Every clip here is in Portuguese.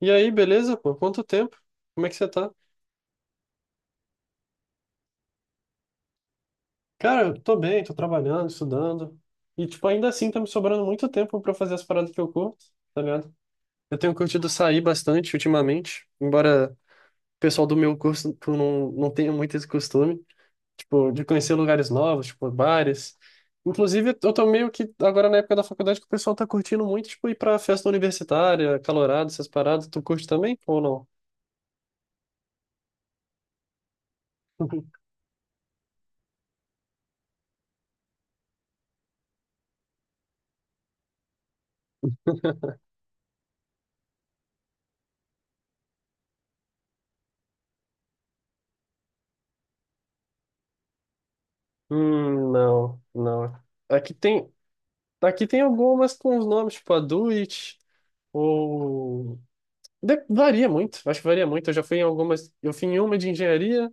E aí, beleza, pô? Quanto tempo? Como é que você tá? Cara, eu tô bem, tô trabalhando, estudando. E, tipo, ainda assim tá me sobrando muito tempo pra fazer as paradas que eu curto, tá ligado? Eu tenho curtido sair bastante ultimamente, embora o pessoal do meu curso tu não tenha muito esse costume, tipo, de conhecer lugares novos, tipo, bares. Inclusive, eu tô meio que agora na época da faculdade que o pessoal tá curtindo muito, tipo, ir pra festa universitária, calorado, essas paradas. Tu curte também ou não? Não, não. Aqui tem, Aqui tem algumas com os nomes, tipo a Do It, ou. Varia muito, acho que varia muito. Eu já fui em algumas. Eu fui em uma de engenharia,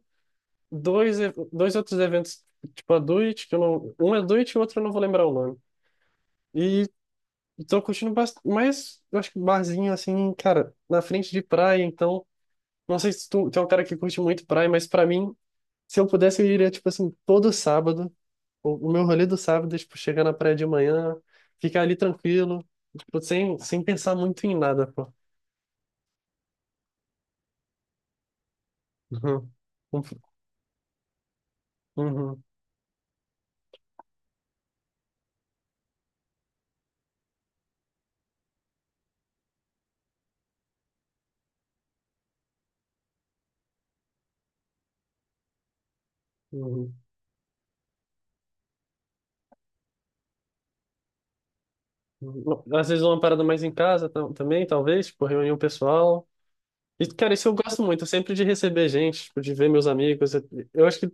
dois outros eventos, tipo a Do It, que eu não. Um é Do It e o outro eu não vou lembrar o nome. E tô curtindo bastante. Mas eu acho que barzinho, assim, cara, na frente de praia, então. Não sei se tu é um cara que curte muito praia, mas pra mim, se eu pudesse, eu iria, tipo assim, todo sábado. O meu rolê do sábado é, tipo, chegar na praia de manhã, ficar ali tranquilo, tipo, sem pensar muito em nada, pô. Uhum. Uhum. Uhum. Uhum. Às vezes é uma parada mais em casa tam- também, talvez, tipo, reunião pessoal. E, cara, isso eu gosto muito, sempre de receber gente, tipo, de ver meus amigos. Eu acho que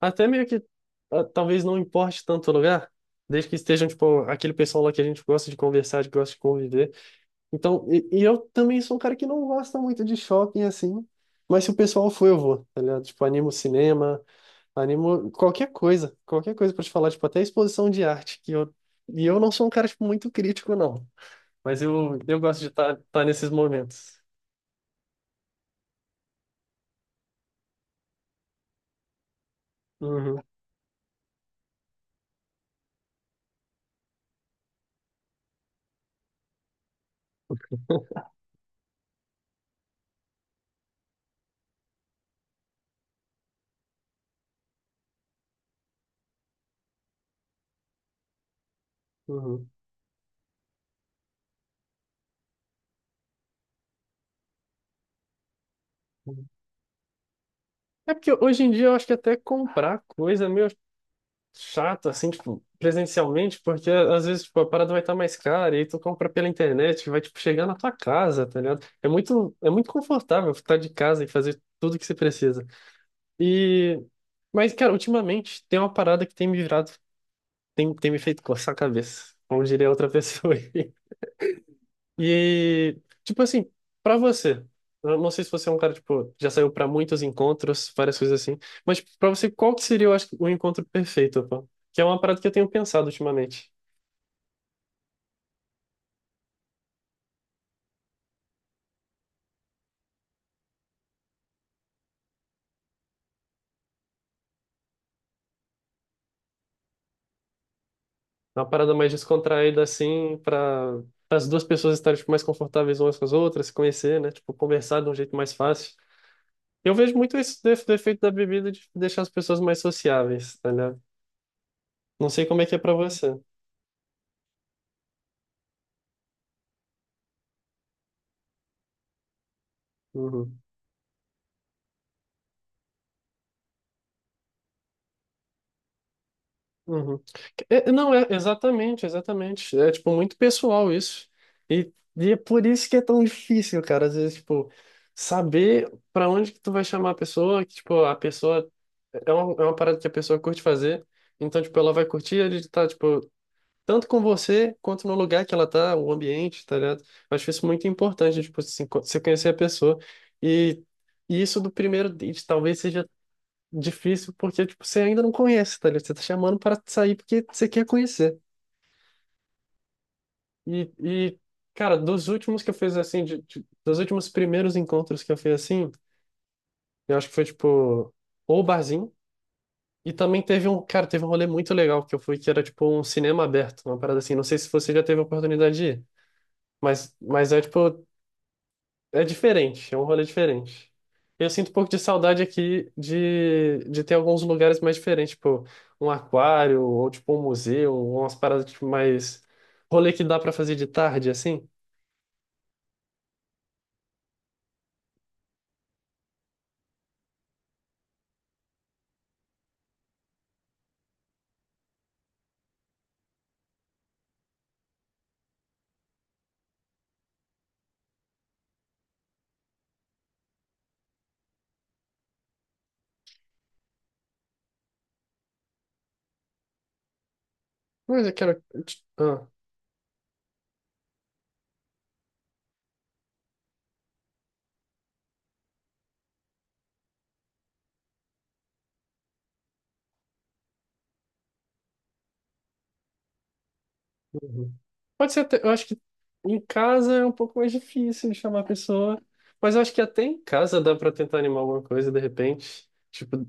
até meio que ah, talvez não importe tanto o lugar, desde que estejam, tipo, aquele pessoal lá que a gente gosta de conversar, que gosta de conviver. Então, e eu também sou um cara que não gosta muito de shopping assim, mas se o pessoal for, eu vou, tá ligado? Tipo, animo cinema, animo qualquer coisa pra te falar, tipo, até exposição de arte, que eu, e eu não sou um cara, tipo, muito crítico, não, mas eu gosto de tá nesses momentos. Uhum, uhum. Uhum. É porque hoje em dia eu acho que até comprar coisa, meu. Chato, assim, tipo, presencialmente, porque às vezes, tipo, a parada vai estar mais cara, e aí tu compra pela internet, que vai, tipo, chegar na tua casa, tá ligado? É muito confortável ficar de casa e fazer tudo que você precisa. E... Mas, cara, ultimamente tem uma parada que tem me virado, tem me feito coçar a cabeça, como diria outra pessoa. E, tipo assim, pra você, eu não sei se você é um cara, tipo, já saiu pra muitos encontros, várias coisas assim, mas tipo, pra você, qual que seria, eu acho, o encontro perfeito, pô? Que é uma parada que eu tenho pensado ultimamente. É uma parada mais descontraída, assim, pra as duas pessoas estarem, tipo, mais confortáveis umas com as outras, se conhecer, né? Tipo, conversar de um jeito mais fácil. Eu vejo muito esse defeito da bebida de deixar as pessoas mais sociáveis, tá ligado? Não sei como é que é pra você. Uhum. Uhum. É, não, é exatamente, exatamente. É tipo muito pessoal isso. E, e é por isso que é tão difícil, cara. Às vezes, tipo, saber pra onde que tu vai chamar a pessoa, que tipo, a pessoa é uma parada que a pessoa curte fazer. Então, tipo, ela vai curtir ele tá, tipo, tanto com você quanto no lugar que ela tá, o ambiente, tá ligado? Eu acho isso muito importante, tipo, assim, você conhecer a pessoa. E, e isso do primeiro date talvez seja difícil porque, tipo, você ainda não conhece, tá ligado? Você tá chamando para sair porque você quer conhecer. E cara, dos últimos que eu fiz assim, dos últimos primeiros encontros que eu fiz assim, eu acho que foi, tipo, ou barzinho. E também teve um, cara, teve um rolê muito legal que eu fui, que era, tipo, um cinema aberto, uma parada assim. Não sei se você já teve a oportunidade de ir, mas é, tipo, é diferente, é um rolê diferente. Eu sinto um pouco de saudade aqui de ter alguns lugares mais diferentes, tipo um aquário, ou tipo um museu, ou umas paradas tipo, mais. Rolê que dá pra fazer de tarde, assim. Mas eu quero. Ah, uhum. Pode ser até. Eu acho que em casa é um pouco mais difícil de chamar a pessoa, mas eu acho que até em casa dá pra tentar animar alguma coisa de repente. Tipo,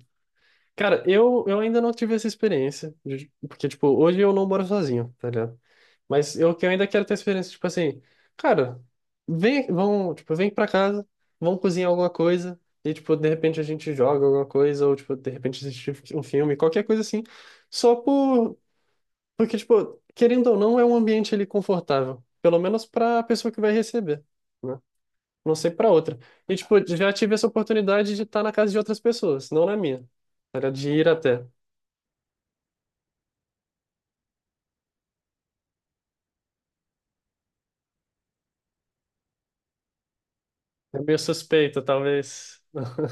cara, eu ainda não tive essa experiência, de- porque, tipo, hoje eu não moro sozinho, tá ligado? Mas eu que eu ainda quero ter experiência, tipo assim, cara, vem, vão, tipo, vem pra casa, vão cozinhar alguma coisa, e, tipo, de repente a gente joga alguma coisa, ou, tipo, de repente assiste um filme, qualquer coisa assim, só por, porque, tipo, querendo ou não, é um ambiente ali confortável, pelo menos pra pessoa que vai receber, né? Não sei pra outra. E, tipo, já tive essa oportunidade de estar na casa de outras pessoas, não na minha, era de ir até. É meio suspeito, talvez.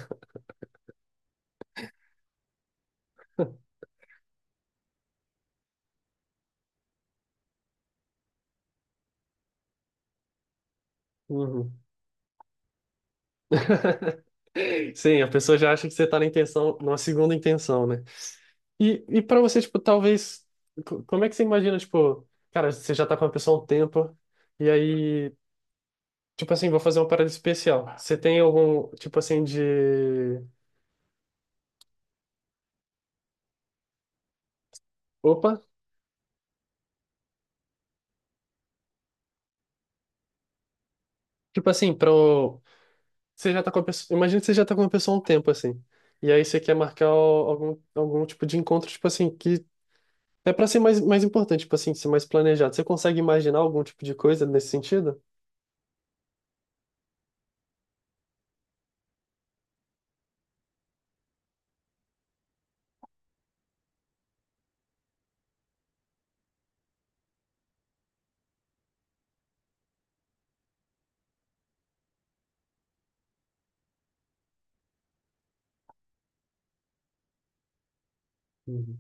Uhum. Sim, a pessoa já acha que você tá na intenção, numa segunda intenção, né? E para você, tipo, talvez. Como é que você imagina, tipo, cara, você já tá com a pessoa há um tempo, e aí, tipo assim, vou fazer uma parada especial. Você tem algum, tipo assim, de. Opa! Tipo assim, pro. Você já tá com a pessoa. Imagina que você já tá com a pessoa há um tempo, assim. E aí você quer marcar o- algum, algum tipo de encontro, tipo assim, que é para ser mais, mais importante, tipo assim, ser mais planejado. Você consegue imaginar algum tipo de coisa nesse sentido? Uhum.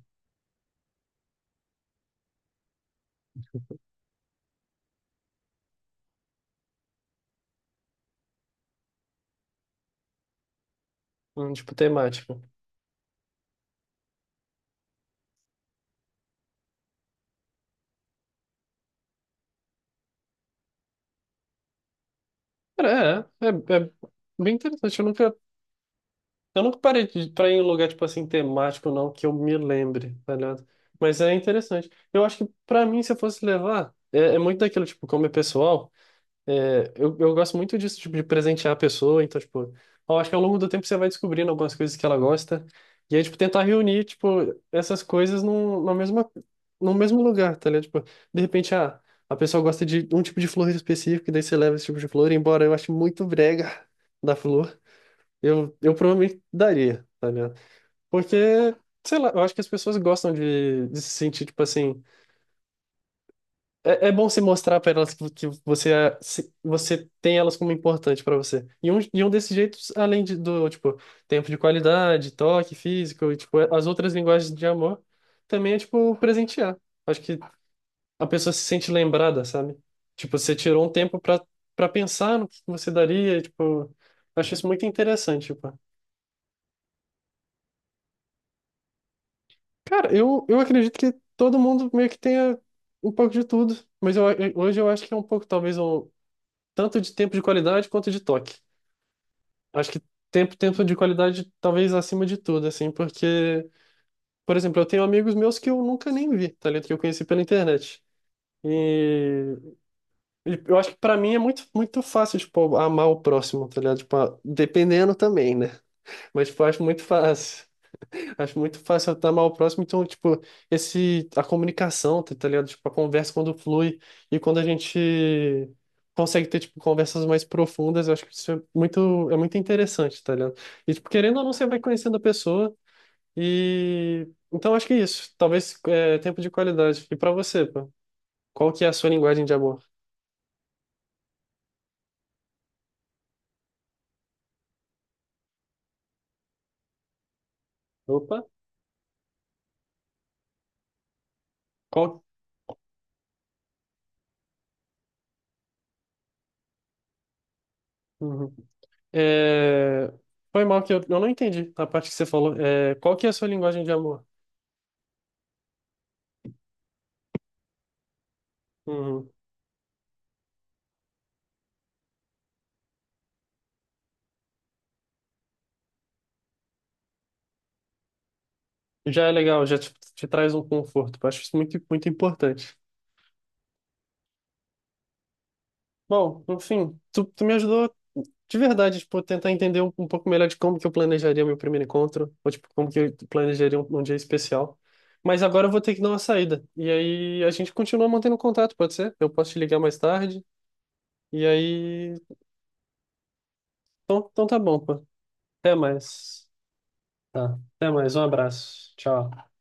Tipo temática. Cara, É bem interessante. Eu nunca parei pra ir em um lugar, tipo assim, temático, não, que eu me lembre, tá ligado? Mas é interessante. Eu acho que pra mim, se eu fosse levar, é muito daquilo, tipo, como é pessoal. É, eu gosto muito disso, tipo, de presentear a pessoa, então, tipo, eu acho que ao longo do tempo você vai descobrindo algumas coisas que ela gosta, e aí, tipo, tentar reunir, tipo, essas coisas no mesmo lugar, tá ligado? Tipo, de repente, ah, a pessoa gosta de um tipo de flor específico, e daí você leva esse tipo de flor, embora eu ache muito brega da flor, eu provavelmente daria, tá ligado? Porque, sei lá, eu acho que as pessoas gostam de se sentir, tipo assim, é bom se mostrar para elas que você, você tem elas como importante para você. E um desses jeitos, além do, tipo, tempo de qualidade, toque físico, e, tipo, as outras linguagens de amor, também é, tipo, presentear. Acho que a pessoa se sente lembrada, sabe? Tipo, você tirou um tempo para pensar no que você daria, e, tipo, acho isso muito interessante, tipo. Cara, eu acredito que todo mundo meio que tenha um pouco de tudo, mas hoje eu acho que é um pouco, talvez, um tanto de tempo de qualidade quanto de toque. Acho que tempo de qualidade talvez acima de tudo, assim, porque, por exemplo, eu tenho amigos meus que eu nunca nem vi, tá ligado? Que eu conheci pela internet. E, e eu acho que pra mim é muito, muito fácil, tipo, amar o próximo, tá ligado? Tipo, dependendo também, né? Mas, tipo, eu acho muito fácil. Acho muito fácil estar mal próximo, então, tipo, esse, a comunicação, tá ligado? Tipo, a conversa quando flui e quando a gente consegue ter, tipo, conversas mais profundas, eu acho que isso é muito interessante, tá ligado? E, tipo, querendo ou não, você vai conhecendo a pessoa e... Então, acho que é isso. Talvez, é, tempo de qualidade. E pra você, pô, qual que é a sua linguagem de amor? Opa, qual... Uhum. É... Foi mal que eu não entendi a parte que você falou. É, qual que é a sua linguagem de amor? Uhum. Já é legal, já te traz um conforto. Eu acho isso muito, muito importante. Bom, enfim, tu me ajudou de verdade, tipo, a tentar entender um, pouco melhor de como que eu planejaria meu primeiro encontro, ou tipo, como que eu planejaria um dia especial. Mas agora eu vou ter que dar uma saída. E aí a gente continua mantendo contato, pode ser? Eu posso te ligar mais tarde. E aí. Então tá bom, pô. Até mais. Tá. Até mais. Um abraço. Tchau.